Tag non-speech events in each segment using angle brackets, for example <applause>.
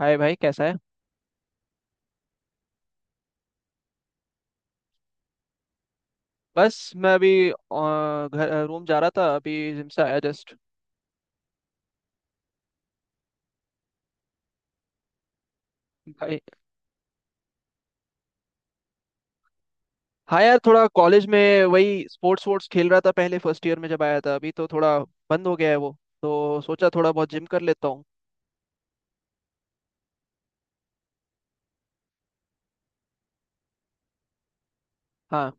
हाय भाई, कैसा है। बस मैं अभी घर रूम जा रहा था, अभी जिम से आया जस्ट। भाई, हाँ यार, थोड़ा कॉलेज में वही स्पोर्ट्स वोर्ट्स खेल रहा था पहले फर्स्ट ईयर में जब आया था। अभी तो थोड़ा बंद हो गया है वो, तो सोचा थोड़ा बहुत जिम कर लेता हूँ। हाँ।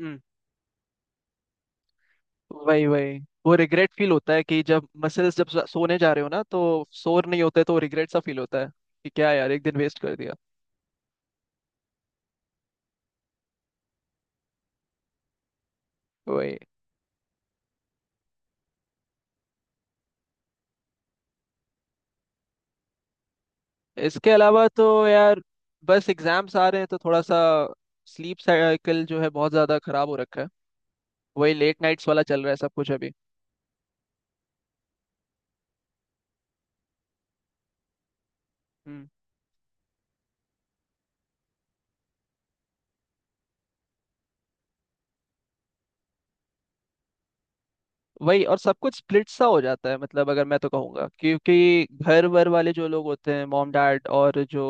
हम्म। वही वही, वो रिग्रेट फील होता है कि जब मसल्स, जब सोने जा रहे हो ना तो सोर नहीं होते तो रिग्रेट सा फील होता है कि क्या यार, एक दिन वेस्ट कर दिया। वही। इसके अलावा तो यार बस एग्जाम्स आ रहे हैं, तो थोड़ा सा स्लीप साइकिल जो है बहुत ज़्यादा खराब हो रखा है। वही लेट नाइट्स वाला चल रहा है सब कुछ अभी। हम्म। वही। और सब कुछ स्प्लिट सा हो जाता है। मतलब अगर मैं तो कहूँगा, क्योंकि घर वर वाले जो लोग होते हैं, मॉम डैड और जो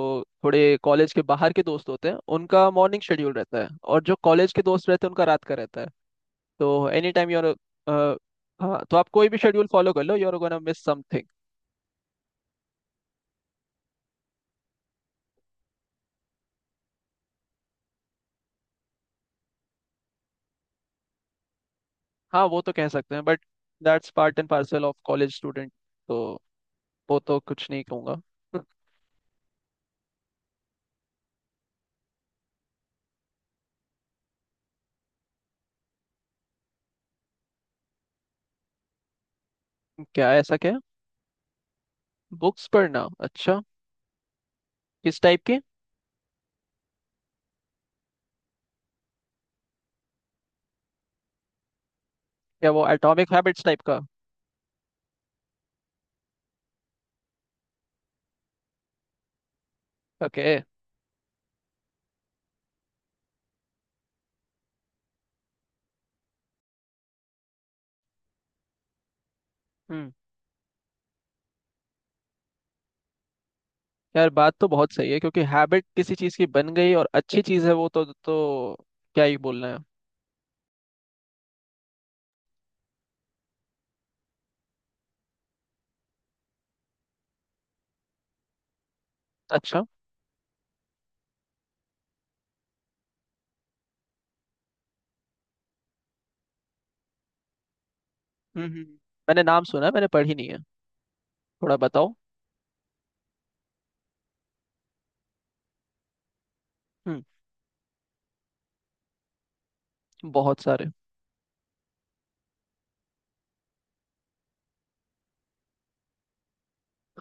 थोड़े कॉलेज के बाहर के दोस्त होते हैं, उनका मॉर्निंग शेड्यूल रहता है, और जो कॉलेज के दोस्त रहते हैं उनका रात का रहता है। तो एनी टाइम योर। हाँ तो आप कोई भी शेड्यूल फॉलो कर लो, you are gonna miss something. हाँ वो तो कह सकते हैं, but that's part and parcel of college student. तो वो तो कुछ नहीं कहूँगा। <laughs> क्या? ऐसा क्या? बुक्स पढ़ना? अच्छा। किस टाइप की? क्या वो एटॉमिक हैबिट्स टाइप का? ओके। हम्म। यार बात तो बहुत सही है, क्योंकि हैबिट किसी चीज़ की बन गई और अच्छी चीज़ है वो, तो क्या ही बोलना है। अच्छा। हम्म। मैंने नाम सुना है, मैंने पढ़ी नहीं है। थोड़ा बताओ। हम्म। बहुत सारे।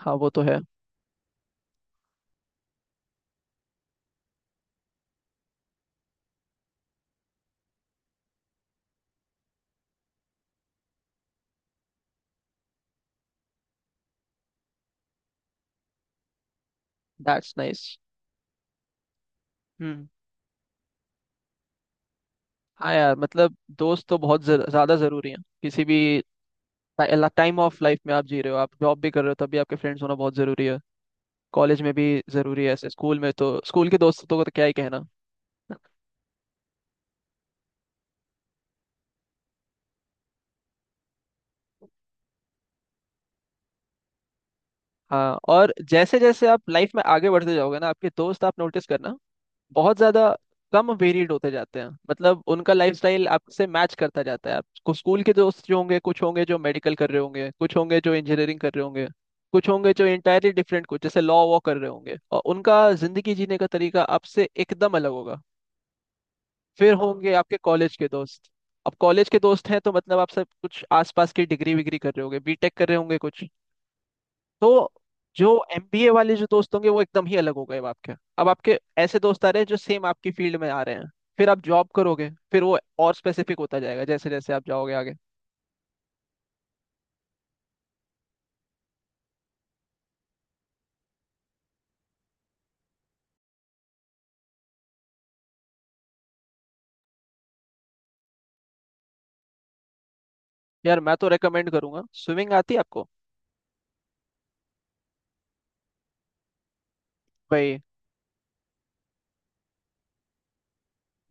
हाँ वो तो है। That's nice. हम्म। हाँ यार, मतलब दोस्त तो बहुत ज्यादा जरूरी है। किसी भी टाइम ऑफ लाइफ में आप जी रहे हो, आप जॉब भी कर रहे हो, तभी आपके फ्रेंड्स होना बहुत जरूरी है। कॉलेज में भी जरूरी है ऐसे, स्कूल में तो स्कूल के दोस्तों को तो क्या ही कहना। हाँ, और जैसे जैसे आप लाइफ में आगे बढ़ते जाओगे ना, आपके दोस्त, आप नोटिस करना, बहुत ज्यादा कम वेरिएड होते जाते हैं। मतलब उनका लाइफस्टाइल आपसे मैच करता जाता है। आपको स्कूल के दोस्त जो होंगे, कुछ होंगे जो मेडिकल कर रहे होंगे, कुछ होंगे जो इंजीनियरिंग कर रहे होंगे, कुछ होंगे जो इंटायरली डिफरेंट, कुछ जैसे लॉ वॉ कर रहे होंगे, और उनका जिंदगी जीने का तरीका आपसे एकदम अलग होगा। फिर होंगे आपके कॉलेज के दोस्त। अब कॉलेज के दोस्त हैं तो मतलब आप सब कुछ आसपास की, डिग्री विग्री कर रहे होंगे, बीटेक कर रहे होंगे कुछ, तो जो एमबीए वाले जो दोस्त होंगे वो एकदम ही अलग हो गए। अब आपके ऐसे दोस्त आ रहे हैं जो सेम आपकी फील्ड में आ रहे हैं। फिर आप जॉब करोगे, फिर वो और स्पेसिफिक होता जाएगा, जैसे जैसे आप जाओगे आगे। यार मैं तो रेकमेंड करूंगा स्विमिंग। आती है आपको? भाई,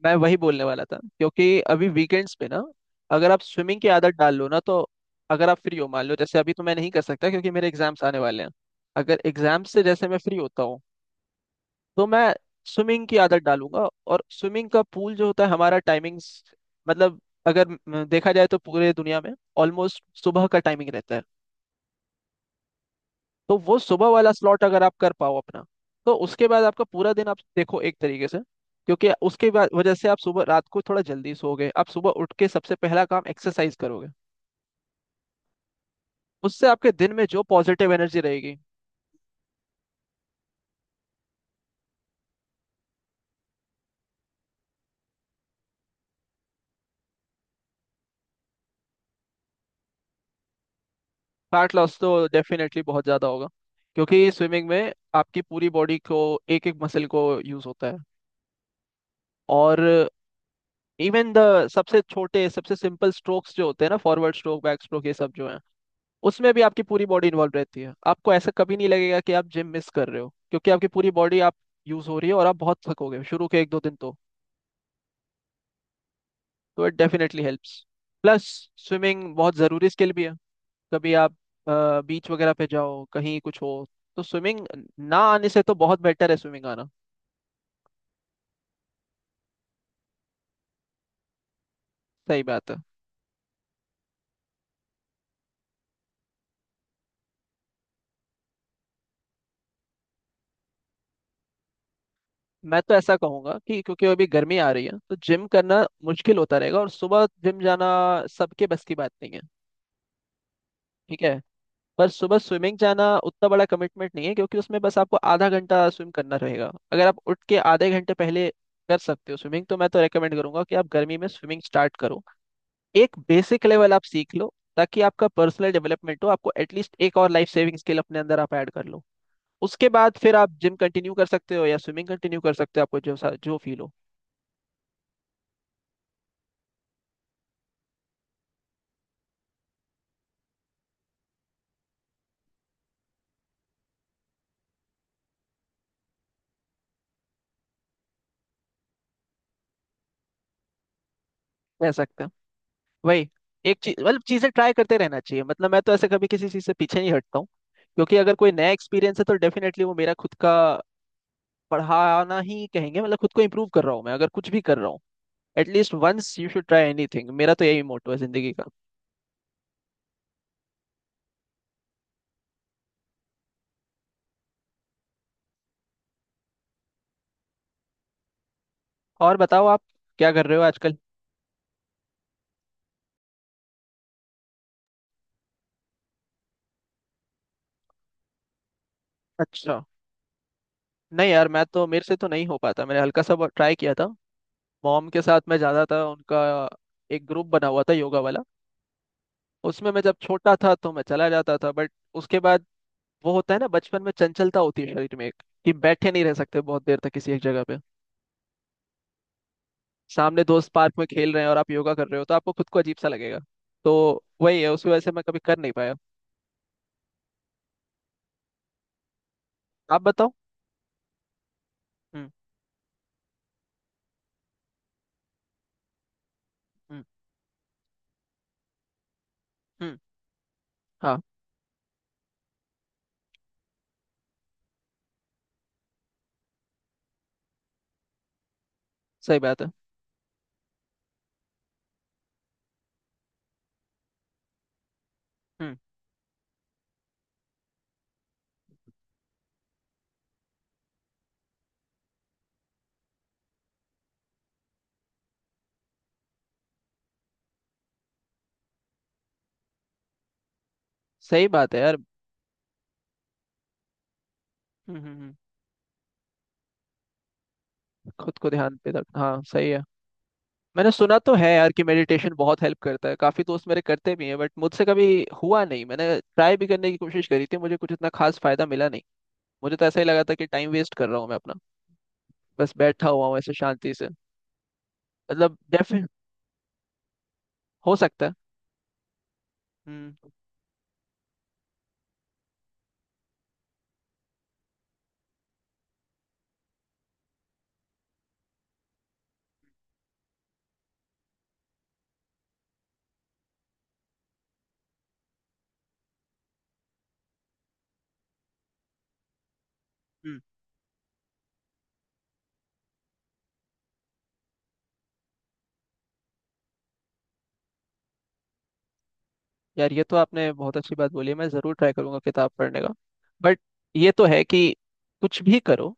मैं वही बोलने वाला था। क्योंकि अभी वीकेंड्स पे ना, अगर आप स्विमिंग की आदत डाल लो ना, तो अगर आप फ्री हो, मान लो जैसे अभी तो मैं नहीं कर सकता क्योंकि मेरे एग्जाम्स आने वाले हैं। अगर एग्जाम से जैसे मैं फ्री होता हूँ तो मैं स्विमिंग की आदत डालूंगा। और स्विमिंग का पूल जो होता है हमारा, टाइमिंग्स मतलब अगर देखा जाए तो पूरे दुनिया में ऑलमोस्ट सुबह का टाइमिंग रहता है। तो वो सुबह वाला स्लॉट अगर आप कर पाओ अपना, तो उसके बाद आपका पूरा दिन आप देखो एक तरीके से। क्योंकि उसके बाद वजह से आप सुबह, रात को थोड़ा जल्दी सोओगे, आप सुबह उठ के सबसे पहला काम एक्सरसाइज करोगे, उससे आपके दिन में जो पॉजिटिव एनर्जी रहेगी। फैट लॉस तो डेफिनेटली बहुत ज़्यादा होगा। क्योंकि स्विमिंग में आपकी पूरी बॉडी को, एक एक मसल को यूज़ होता है। और इवन द सबसे छोटे सबसे सिंपल स्ट्रोक्स जो होते हैं ना, फॉरवर्ड स्ट्रोक, बैक स्ट्रोक, ये सब जो है, उसमें भी आपकी पूरी बॉडी इन्वॉल्व रहती है। आपको ऐसा कभी नहीं लगेगा कि आप जिम मिस कर रहे हो, क्योंकि आपकी पूरी बॉडी आप यूज हो रही है। और आप बहुत थकोगे शुरू के एक दो दिन तो it definitely helps. Plus, swimming बहुत ज़रूरी स्किल भी है। कभी आप बीच वगैरह पे जाओ, कहीं कुछ हो, तो स्विमिंग ना आने से तो बहुत बेटर है स्विमिंग आना। सही बात है। मैं तो ऐसा कहूंगा कि, क्योंकि अभी गर्मी आ रही है, तो जिम करना मुश्किल होता रहेगा और सुबह जिम जाना सबके बस की बात नहीं है। ठीक है, पर सुबह स्विमिंग जाना उतना बड़ा कमिटमेंट नहीं है, क्योंकि उसमें बस आपको आधा घंटा स्विम करना रहेगा। अगर आप उठ के आधे घंटे पहले कर सकते हो स्विमिंग, तो मैं तो रेकमेंड करूंगा कि आप गर्मी में स्विमिंग स्टार्ट करो। एक बेसिक लेवल आप सीख लो, ताकि आपका पर्सनल डेवलपमेंट हो। आपको एटलीस्ट एक और लाइफ सेविंग स्किल अपने अंदर आप ऐड कर लो। उसके बाद फिर आप जिम कंटिन्यू कर सकते हो या स्विमिंग कंटिन्यू कर सकते हो, आपको जो जो फील हो। कह सकते हैं। वही, एक चीज मतलब चीजें ट्राई करते रहना चाहिए। मतलब मैं तो ऐसे कभी किसी चीज से पीछे नहीं हटता हूँ। क्योंकि अगर कोई नया एक्सपीरियंस है, तो डेफिनेटली वो मेरा खुद का पढ़ाना ही कहेंगे। मतलब खुद को इम्प्रूव कर रहा हूँ मैं, अगर कुछ भी कर रहा हूँ। At least once you should try anything, मेरा तो यही मोटो है जिंदगी का। और बताओ आप क्या कर रहे हो आजकल? अच्छा। नहीं यार, मैं तो, मेरे से तो नहीं हो पाता। मैंने हल्का सा ट्राई किया था। मॉम के साथ मैं जाता था, उनका एक ग्रुप बना हुआ था योगा वाला। उसमें मैं जब छोटा था तो मैं चला जाता था, बट उसके बाद, वो होता है ना बचपन में चंचलता होती है शरीर में एक, कि बैठे नहीं रह सकते बहुत देर तक किसी एक जगह पे। सामने दोस्त पार्क में खेल रहे हैं और आप योगा कर रहे हो, तो आपको खुद को अजीब सा लगेगा। तो वही है, उसकी वजह से मैं कभी कर नहीं पाया। आप बताओ। हम्म। हम्म। हम्म। हाँ सही बात है। हम्म। सही बात है यार। हम्म। हम्म। खुद को ध्यान पे रख, हाँ सही है। मैंने सुना तो है यार कि मेडिटेशन बहुत हेल्प करता है, काफी दोस्त मेरे करते भी हैं, बट मुझसे कभी हुआ नहीं। मैंने ट्राई भी करने की कोशिश करी थी, मुझे कुछ इतना खास फायदा मिला नहीं। मुझे तो ऐसा ही लगा था कि टाइम वेस्ट कर रहा हूँ मैं अपना, बस बैठा हुआ हूँ ऐसे शांति से। मतलब डेफिनेट, हो सकता है। हम्म। यार ये तो आपने बहुत अच्छी बात बोली है, मैं जरूर ट्राई करूंगा किताब पढ़ने का। बट ये तो है कि कुछ भी करो,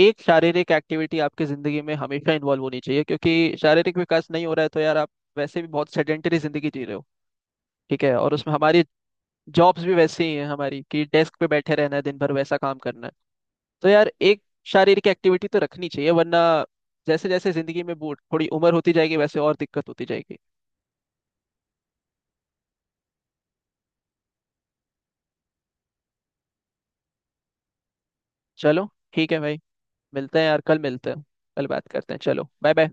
एक शारीरिक एक्टिविटी आपकी जिंदगी में हमेशा इन्वॉल्व होनी चाहिए, क्योंकि शारीरिक विकास नहीं हो रहा है तो यार आप वैसे भी बहुत सेडेंटरी जिंदगी जी रहे हो। ठीक है, और उसमें हमारी जॉब्स भी वैसी ही हैं हमारी, कि डेस्क पे बैठे रहना है दिन भर, वैसा काम करना है। तो यार एक शारीरिक एक्टिविटी तो रखनी चाहिए, वरना जैसे जैसे जिंदगी में बूढ़ थोड़ी उम्र होती जाएगी वैसे और दिक्कत होती जाएगी। चलो, ठीक है भाई। मिलते हैं यार, कल मिलते हैं। कल बात करते हैं। चलो बाय बाय।